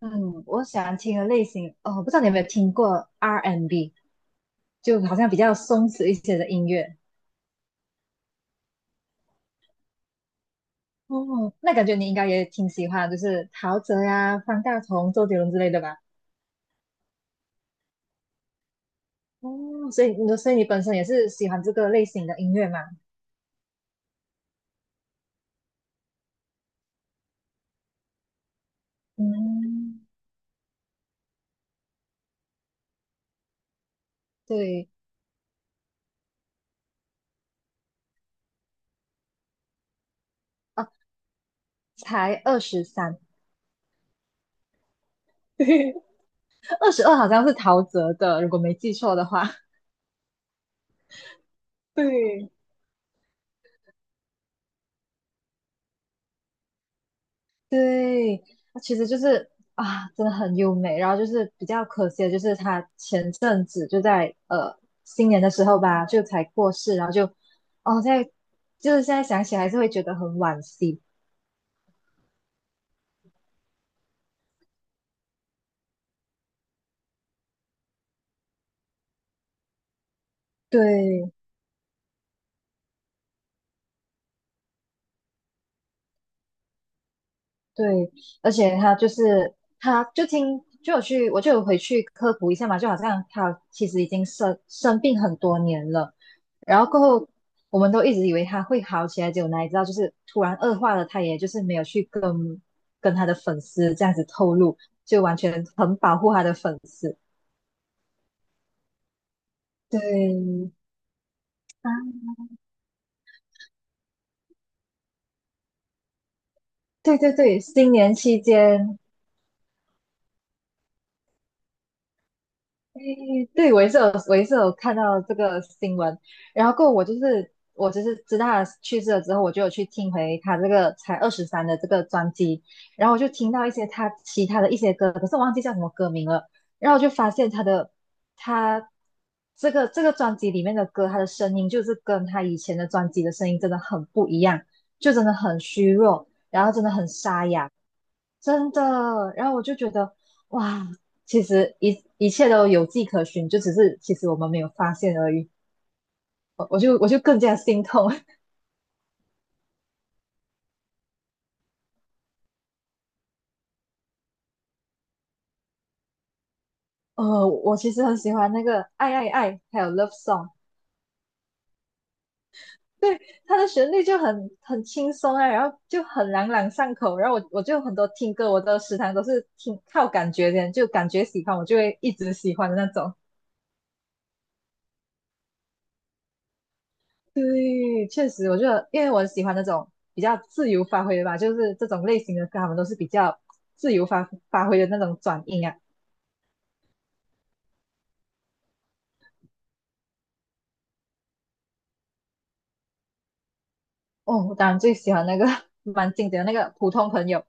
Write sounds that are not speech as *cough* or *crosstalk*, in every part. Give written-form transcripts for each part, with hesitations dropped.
嗯，我喜欢听的类型，哦，我不知道你有没有听过 R&B，就好像比较松弛一些的音乐。哦，那感觉你应该也挺喜欢，就是陶喆呀、方大同、周杰伦之类的吧？哦，所以你本身也是喜欢这个类型的音乐嘛？嗯，对，哦，才二十三，*laughs* 二十二好像是陶喆的，如果没记错的话。对，对，它其实就是啊，真的很优美。然后就是比较可惜的，就是他前阵子就在新年的时候吧，就才过世。然后就哦，在就是现在想起来还是会觉得很惋惜。对，对，而且他就是，他就听，就有去，我就有回去科普一下嘛，就好像他其实已经生病很多年了，然后过后我们都一直以为他会好起来，结果哪里知道就是突然恶化了，他也就是没有去跟他的粉丝这样子透露，就完全很保护他的粉丝。对，啊，对对对，新年期间。诶，对，我也是有，我也是有看到这个新闻，然后过后我就是知道他去世了之后，我就有去听回他这个才二十三的这个专辑，然后我就听到一些他其他的一些歌，可是我忘记叫什么歌名了，然后我就发现他的，他这个专辑里面的歌，他的声音就是跟他以前的专辑的声音真的很不一样，就真的很虚弱，然后真的很沙哑，真的，然后我就觉得。哇，其实一切都有迹可循，就只是其实我们没有发现而已。我就更加心痛。*laughs* 我其实很喜欢那个《爱爱爱》还有《Love Song》，对，它的旋律就很轻松啊，然后就很朗朗上口。然后我就很多听歌，我的时常都是听靠感觉的，就感觉喜欢我就会一直喜欢的那种。对，确实，我觉得因为我喜欢那种比较自由发挥的吧，就是这种类型的歌，他们都是比较自由发挥的那种转音啊。哦，我当然最喜欢那个 *laughs* 蛮经典的那个普通朋友。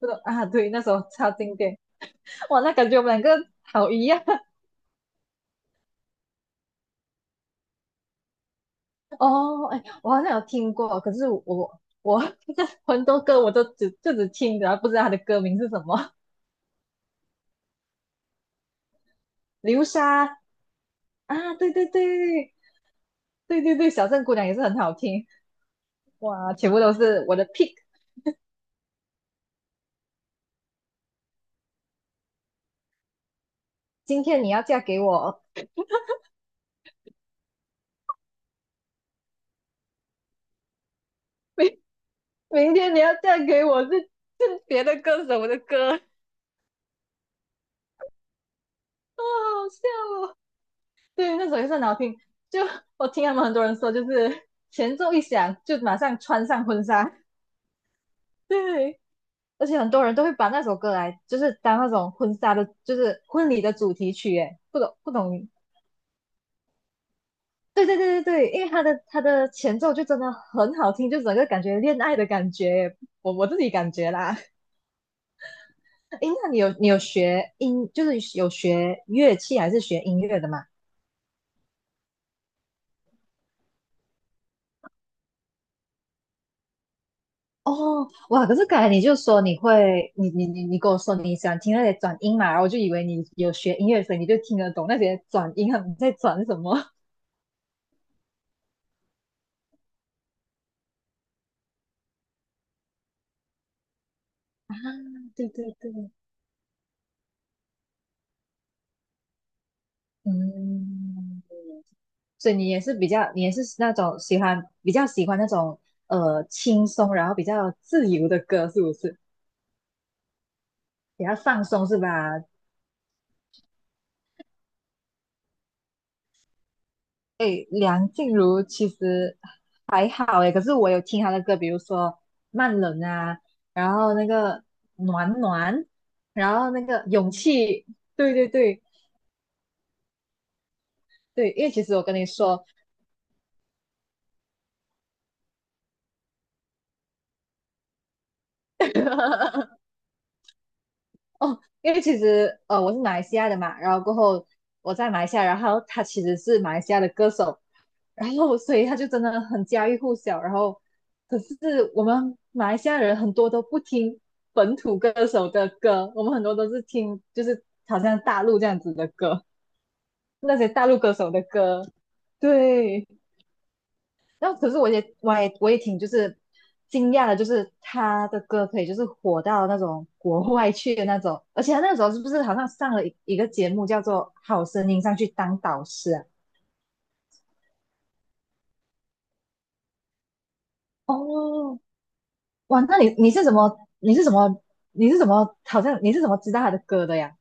这个啊，对，那时候超经典，哇，那感觉我们两个好一样。 *laughs* 哦。哎，我好像有听过，可是我 *laughs* 很多歌我都只听着，不知道他的歌名是什么。流沙啊，对对对，小镇姑娘也是很好听，哇，全部都是我的 pick。今天你要嫁给我，明明天你要嫁给我是别的歌手的歌，好好笑哦。对，那首也是很好听。就 *laughs* 我听他们很多人说，就是 *laughs* 前奏一响就马上穿上婚纱。*laughs* 对，而且很多人都会把那首歌来，就是当那种婚纱的，就是婚礼的主题曲。哎，不懂对对对，因为它的前奏就真的很好听，就整个感觉恋爱的感觉。我自己感觉啦。诶，那你有学音，就是有学乐器还是学音乐的吗？哦，哇！可是刚才你就说你会，你跟我说你想听那些转音嘛，然后我就以为你有学音乐，所以你就听得懂那些转音啊，他们在转什么。啊，对对对，嗯，所以你也是比较，你也是那种喜欢比较喜欢那种轻松，然后比较自由的歌，是不是？比较放松是吧？诶，梁静茹其实还好诶，可是我有听她的歌，比如说《慢冷》啊，然后那个《暖暖》，然后那个《勇气》，对对对对，因为其实我跟你说，*laughs* 哦，因为其实我是马来西亚的嘛，然后过后我在马来西亚，然后他其实是马来西亚的歌手，然后所以他就真的很家喻户晓。然后可是我们马来西亚人很多都不听本土歌手的歌，我们很多都是听就是好像大陆这样子的歌，那些大陆歌手的歌。对，然后可是我也挺就是惊讶的，就是他的歌可以就是火到那种国外去的那种，而且他那时候是不是好像上了一个节目叫做《好声音》上去当导师啊？哦，哇，那你是怎么好像你是怎么知道他的歌的呀？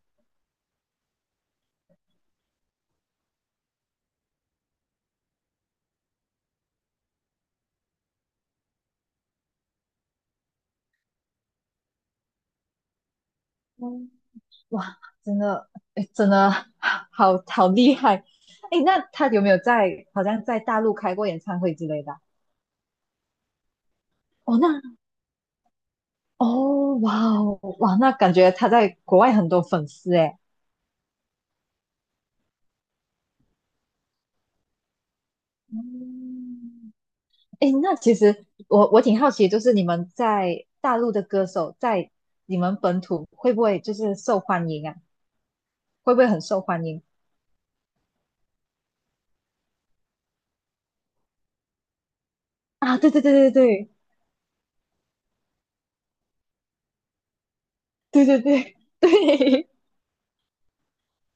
嗯，哇，真的，哎，真的好好厉害！哎，那他有没有在好像在大陆开过演唱会之类的，啊，哦，那哦，哇哦，哇，那感觉他在国外很多粉丝哎。嗯，哎，那其实我挺好奇，就是你们在大陆的歌手在你们本土会不会就是受欢迎啊？会不会很受欢迎啊？对对对对对，对对对 *laughs* 对，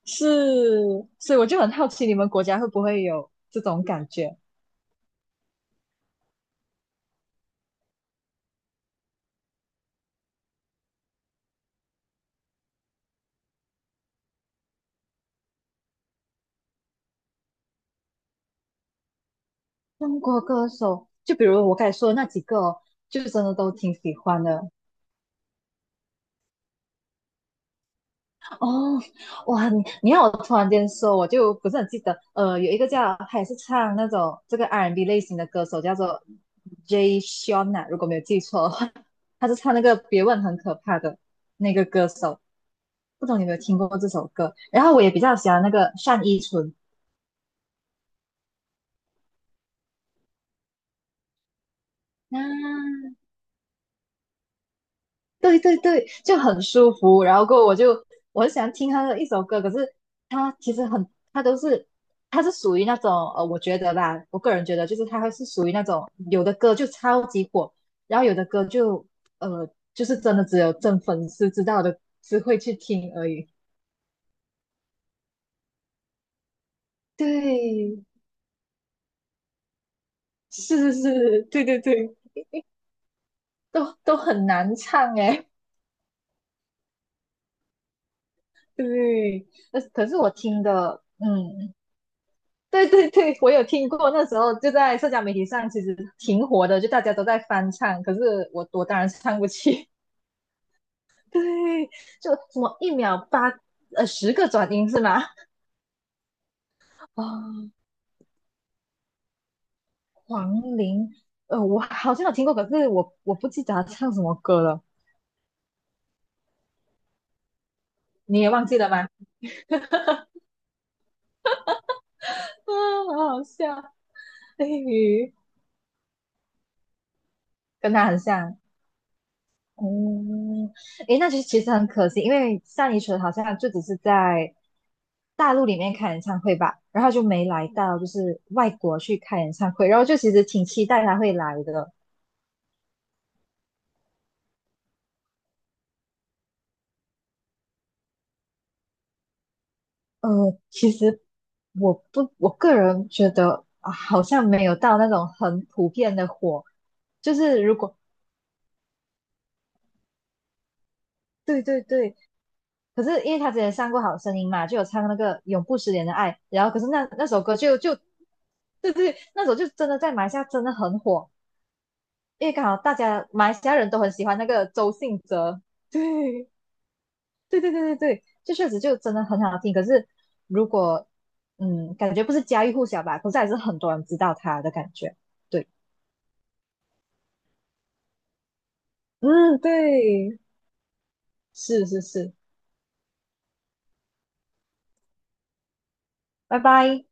是，所以我就很好奇你们国家会不会有这种感觉？中国歌手，就比如我刚才说的那几个哦，就真的都挺喜欢的。哦，哇，你你让我突然间说，我就不是很记得。呃，有一个叫他也是唱那种这个 R&B 类型的歌手，叫做 Jay Sean 啊，如果没有记错的话，他是唱那个《别问很可怕》的那个歌手。不懂你有没有听过这首歌？然后我也比较喜欢那个单依纯，啊，对对对，就很舒服。然后过后我就，我很喜欢听他的一首歌，可是他其实很，他都是，他是属于那种，我觉得吧，我个人觉得就是他还是属于那种有的歌就超级火，然后有的歌就呃就是真的只有真粉丝知道的，只会去听而已。对，是是是，对对对，都很难唱诶。*laughs* 对，呃可是我听的，嗯，*laughs* 对对对，我有听过，那时候就在社交媒体上，其实挺火的，就大家都在翻唱，可是我当然唱不起。*laughs* 对，就什么一秒八十个转音是吗？啊、黄龄，呃，我好像有听过，可是我不记得他唱什么歌了，你也忘记了吗？*laughs* 啊，好好笑，哎，跟他很像。哦，诶，那就其实很可惜，因为像你说的好像就只是在大陆里面开演唱会吧，然后就没来到就是外国去开演唱会，然后就其实挺期待他会来的。呃，其实我不，我个人觉得啊，好像没有到那种很普遍的火，就是如果对对对。可是因为他之前上过《好声音》嘛，就有唱那个《永不失联的爱》，然后可是那首歌就就，对对，那首就真的在马来西亚真的很火，因为刚好大家马来西亚人都很喜欢那个周信哲，对对对对对对，就确实就真的很好听。可是如果嗯，感觉不是家喻户晓吧，可是还是很多人知道他的感觉。对，嗯，对，是是是，拜拜。